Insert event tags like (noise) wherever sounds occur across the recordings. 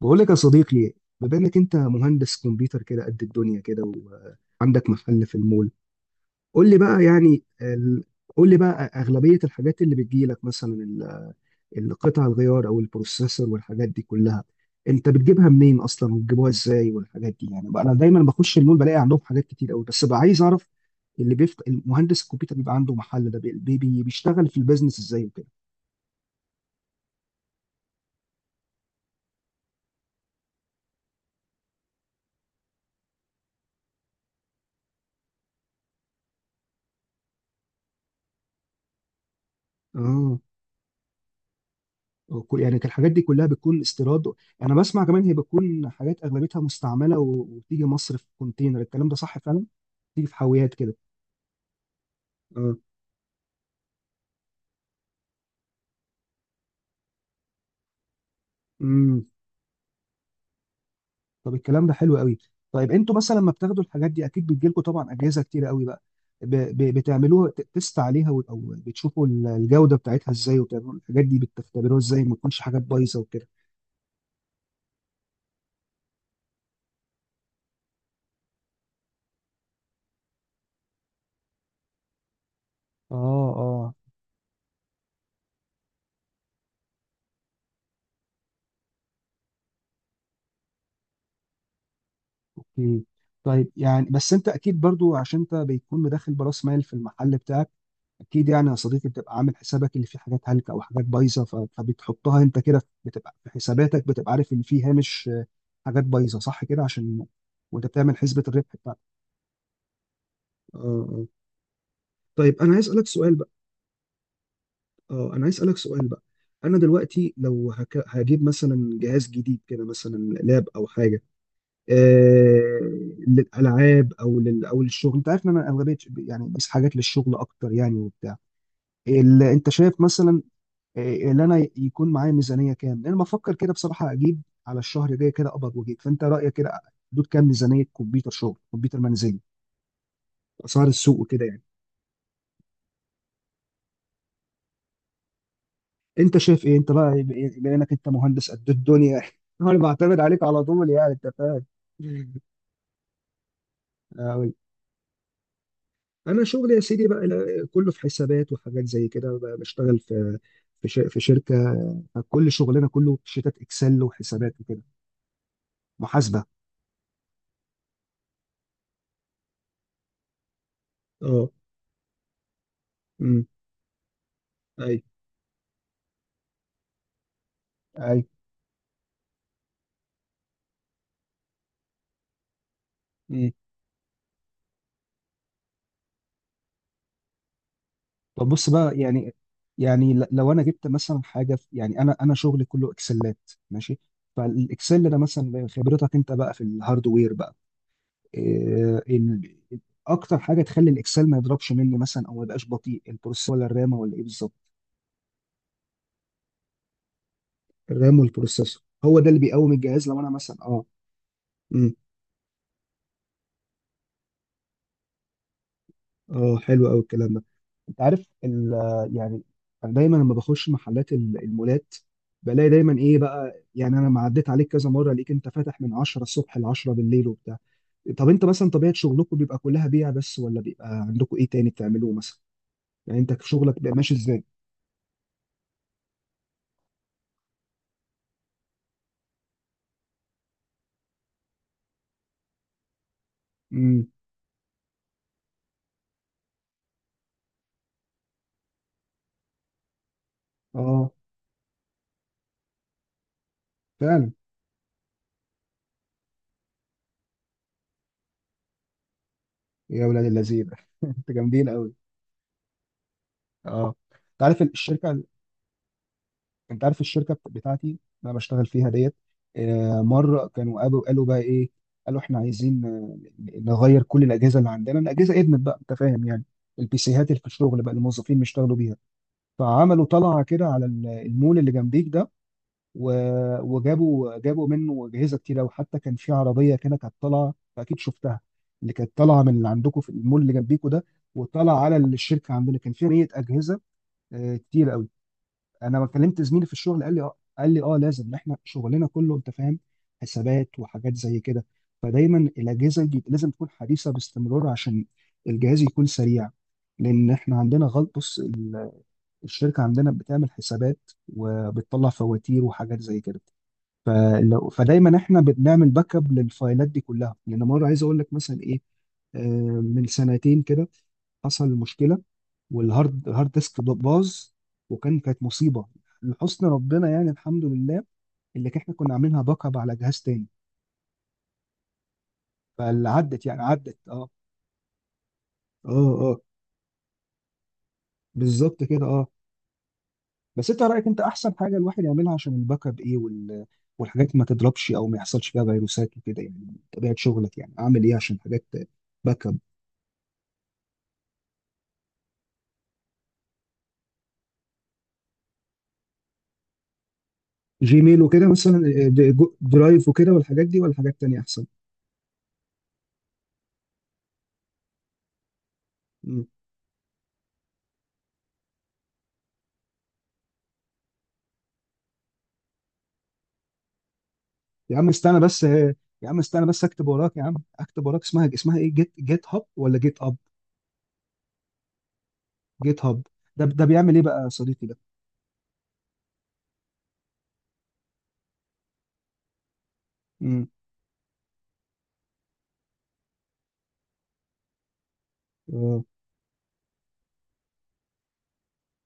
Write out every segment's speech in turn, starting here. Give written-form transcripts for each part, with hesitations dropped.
بقول لك يا صديقي، بما انك انت مهندس كمبيوتر كده قد الدنيا كده وعندك محل في المول، قول لي بقى يعني قول لي بقى اغلبيه الحاجات اللي بتجي لك مثلا القطع الغيار او البروسيسور والحاجات دي كلها، انت بتجيبها منين اصلا وبتجيبوها ازاي والحاجات دي؟ يعني بقى انا دايما بخش المول بلاقي عندهم حاجات كتير قوي، بس بقى عايز اعرف المهندس الكمبيوتر بيبقى عنده محل ده بيشتغل في البيزنس ازاي وكده. اه، يعني الحاجات دي كلها بتكون استيراد؟ انا بسمع كمان هي بتكون حاجات اغلبيتها مستعمله وتيجي مصر في كونتينر، الكلام ده صح فعلا؟ تيجي في حاويات كده؟ اه. امم طب الكلام ده حلو قوي. طيب انتوا مثلا لما بتاخدوا الحاجات دي اكيد بتجيلكوا طبعا اجهزه كتير قوي بقى، بتعملوها تست عليها او بتشوفوا الجوده بتاعتها ازاي؟ وبتعملوا الحاجات دي بتختبروها ازاي ما تكونش حاجات بايظه وكده؟ اه، اه. اوكي، طيب يعني بس انت اكيد برضو عشان انت بيكون مدخل براس مال في المحل بتاعك، اكيد يعني يا صديقي بتبقى عامل حسابك ان في حاجات هلكه او حاجات بايظه، فبتحطها انت كده، بتبقى في حساباتك، بتبقى عارف ان في هامش حاجات بايظه، صح كده؟ عشان وانت بتعمل حسبه الربح بتاعتك. اه، اه. طيب انا عايز اسالك سؤال بقى. اه، انا عايز اسالك سؤال بقى. انا دلوقتي لو هجيب مثلا جهاز جديد كده، مثلا لاب او حاجه، آه... للالعاب او للشغل، انت عارف ان انا اغلبيه يعني بس حاجات للشغل اكتر يعني وبتاع، انت شايف مثلا اللي انا يكون معايا ميزانيه كام؟ انا بفكر كده بصراحه اجيب على الشهر الجاي كده قبض واجيب، فانت رايك كده حدود كام ميزانيه كمبيوتر شغل، كمبيوتر منزلي، اسعار السوق وكده يعني. انت شايف ايه انت بقى، بما انك انت مهندس قد الدنيا؟ (laughs) انا بعتمد عليك على طول يعني انت فاهم. أقول. انا شغلي يا سيدي بقى كله في حسابات وحاجات زي كده بقى، بشتغل في في شركه، كل شغلنا كله شيتات اكسل وحسابات وكده، محاسبه. اه. امم اي، اي. طب بص بقى يعني، يعني لو انا جبت مثلا حاجه في، يعني انا شغلي كله اكسلات، ماشي، فالاكسل ده مثلا خبرتك انت بقى في الهاردوير بقى، إيه اكتر حاجه تخلي الاكسل ما يضربش مني مثلا او ما يبقاش بطيء؟ البروسيسور ولا الرامه ولا ايه بالظبط؟ الرام والبروسيسور هو ده اللي بيقوم الجهاز لو انا مثلا؟ اه. اه، حلو قوي الكلام ده. انت عارف يعني انا دايما لما بخش محلات المولات، بلاقي دايما ايه بقى، يعني انا ما عديت عليك كذا مره ليك، انت فاتح من 10 الصبح ل 10 بالليل وبتاع. طب انت مثلا طبيعه شغلكم بيبقى كلها بيع بس ولا بيبقى عندكم ايه تاني بتعملوه مثلا؟ يعني انت في شغلك بيبقى ماشي ازاي؟ امم، اه، فعلا. يا ولاد اللذين، (laughs) انت جامدين قوي. اه. انت عارف الشركه، انت عارف الشركه بتاعتي اللي انا بشتغل فيها ديت، مره كانوا قالوا بقى ايه، قالوا احنا عايزين نغير كل الاجهزه اللي عندنا، الاجهزه ادمت بقى انت فاهم يعني، البي سيهات اللي في الشغل بقى الموظفين بيشتغلوا بيها. فعملوا طلعه كده على المول اللي جنبيك ده وجابوا منه اجهزه كتير قوي، حتى كان في عربيه كده كانت طالعه اكيد شفتها، اللي كانت طالعه من اللي عندكم في المول اللي جنبيكوا ده وطالعه على الشركه عندنا، كان فيها 100 اجهزه. آه، كتير قوي. انا ما كلمت زميلي في الشغل قال لي اه، قال لي اه لازم احنا شغلنا كله انت فاهم، حسابات وحاجات زي كده، فدايما الاجهزه دي لازم تكون حديثه باستمرار عشان الجهاز يكون سريع. لان احنا عندنا غلط، بص الشركه عندنا بتعمل حسابات وبتطلع فواتير وحاجات زي كده، فدايما احنا بنعمل باك اب للفايلات دي كلها. لان مره عايز اقول لك مثلا ايه، آه، من سنتين كده حصل مشكله، هارد ديسك باظ، كانت مصيبه. لحسن ربنا يعني الحمد لله، اللي احنا كنا عاملينها باك اب على جهاز تاني، فاللي عدت يعني عدت اه، اه، اه. بالظبط كده، اه. بس انت رايك انت احسن حاجه الواحد يعملها عشان الباك اب ايه والحاجات ما تضربش او ما يحصلش فيها فيروسات وكده؟ يعني طبيعه شغلك يعني اعمل ايه عشان حاجات باك اب؟ جيميل وكده مثلا، درايف وكده والحاجات دي، ولا حاجات تانية احسن؟ مم. يا عم استنى بس، يا عم استنى بس اكتب وراك، يا عم اكتب وراك، اسمها ايه، جيت هاب ولا جيت اب؟ جيت هاب. ده ده بيعمل ايه بقى يا صديقي ده؟ مم. آه.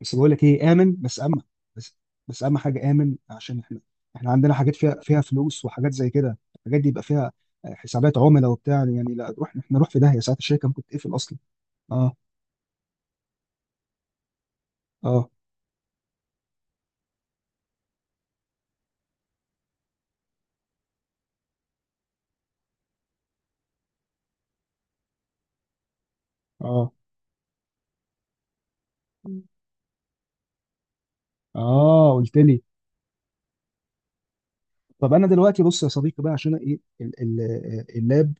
بس بقول لك ايه، امن بس اما، بس، بس اهم حاجه امن، عشان احنا، احنا عندنا حاجات فيها، فلوس وحاجات زي كده، الحاجات دي يبقى فيها حسابات عملاء وبتاع يعني، لا روح احنا نروح في داهيه، ساعات الشركه ممكن تقفل اصلا. اه، اه، اه، اه، قلت لي. طب انا دلوقتي بص يا صديقي بقى عشان ايه اللاب،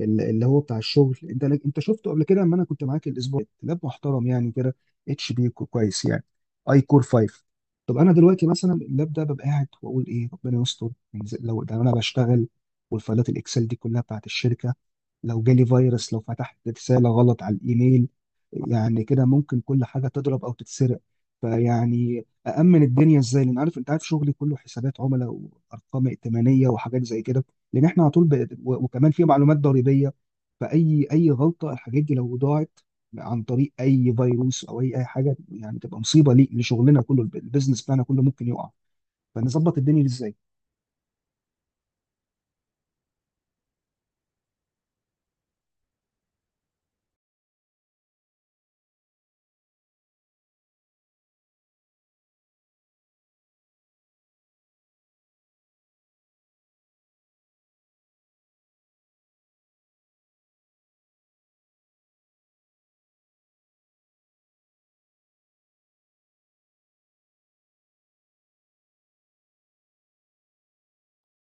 اللي هو بتاع الشغل انت لك، انت شفته قبل كده لما انا كنت معاك الاسبوع اللي فات. لاب محترم يعني كده، اتش بي كويس يعني، اي كور 5. طب انا دلوقتي مثلا اللاب ده ببقى قاعد واقول ايه ربنا يستر يعني، لو ده انا بشتغل والفايلات الاكسل دي كلها بتاعت الشركه، لو جالي فيروس، لو فتحت رساله غلط على الايميل، يعني كده ممكن كل حاجه تضرب او تتسرق، فيعني أأمن الدنيا إزاي؟ لأن عارف، أنت عارف شغلي كله حسابات عملاء وأرقام ائتمانية وحاجات زي كده، لأن إحنا على طول وكمان في معلومات ضريبية، فأي غلطة، الحاجات دي لو ضاعت عن طريق أي فيروس أو أي حاجة يعني تبقى مصيبة، لشغلنا كله، البيزنس بتاعنا كله ممكن يقع، فنظبط الدنيا دي إزاي؟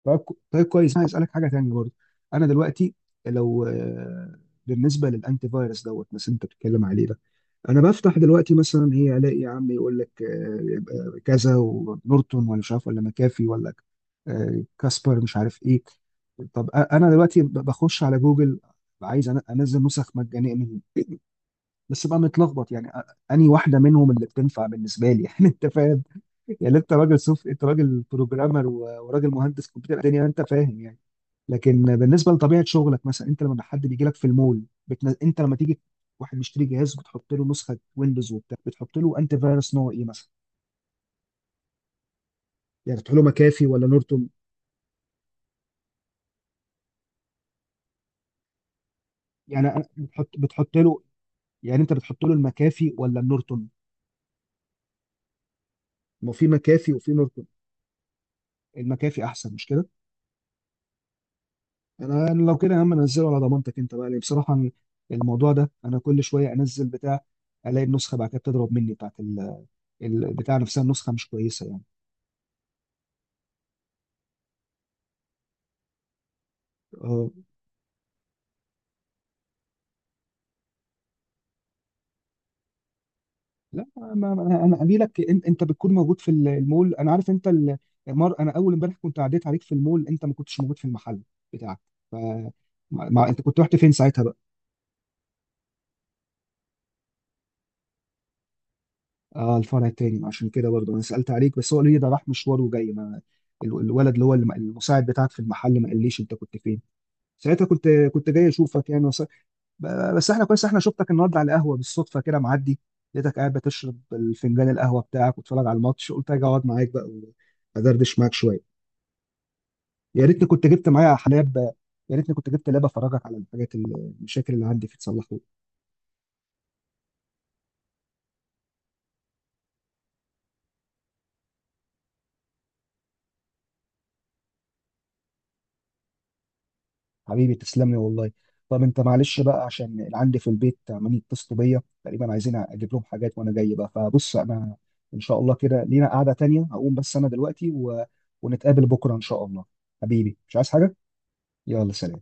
طيب، طيب كويس، أنا هسألك حاجة تانية برضه. أنا دلوقتي لو بالنسبة للأنتي فيروس دوت مثلا أنت بتتكلم عليه ده، انا بفتح دلوقتي مثلا ايه الاقي يا عم، يقول لك يبقى كذا ونورتون ولا مش عارف ولا مكافي ولا كاسبر، مش عارف ايه. طب انا دلوقتي بخش على جوجل، عايز انزل نسخ مجانيه منهم، بس بقى متلخبط يعني انهي واحده منهم اللي بتنفع بالنسبه لي؟ (laughs) يعني انت فاهم يعني، انت راجل سوف، انت راجل بروجرامر وراجل مهندس كمبيوتر الدنيا يعني انت فاهم يعني. لكن بالنسبه لطبيعه شغلك مثلا انت لما حد بيجي لك في المول، انت لما تيجي واحد مشتري جهاز، بتحط له نسخه ويندوز وبتاع، بتحط له انت فيروس نوع ايه مثلا؟ يعني بتحط له مكافي ولا نورتون؟ يعني بتحط له، يعني انت بتحط له المكافي ولا النورتون؟ ما في مكافي وفي نورتون، المكافي احسن مش كده؟ انا لو كده يا عم انزله على ضمانتك انت بقى، ليه بصراحه الموضوع ده انا كل شويه انزل بتاع، الاقي النسخه بعد كده بتضرب مني، بتاعت البتاع نفسها النسخه مش كويسه يعني. أه. لا انا قايل لك انت بتكون موجود في المول، انا عارف انت مر، انا اول امبارح كنت عديت عليك في المول، انت ما كنتش موجود في المحل بتاعك ف، انت كنت رحت فين ساعتها بقى؟ اه، الفرع التاني. عشان كده برضه انا سالت عليك، بس هو قال لي ده راح مشوار وجاي، ما الولد اللي هو المساعد بتاعك في المحل ما قاليش انت كنت فين ساعتها، كنت جاي اشوفك يعني بس احنا كويس، احنا شفتك النهارده على قهوه بالصدفه كده معدي، لقيتك قاعد بتشرب الفنجان القهوه بتاعك وتتفرج على الماتش، قلت اجي اقعد معاك بقى وادردش معاك شويه. يا ريتني كنت جبت معايا حلاب، يا ريتني كنت جبت لاب افرجك على الحاجات المشاكل اللي عندي في تصلحها. حبيبي تسلم لي والله. طب انت معلش بقى عشان اللي عندي في البيت عمالين يتصلوا بيا تقريبا، عايزين اجيب لهم حاجات وانا جاي بقى، فبص انا ان شاء الله كده لينا قعدة تانية، هقوم بس انا دلوقتي ونتقابل بكرة ان شاء الله. حبيبي مش عايز حاجة. يلا سلام.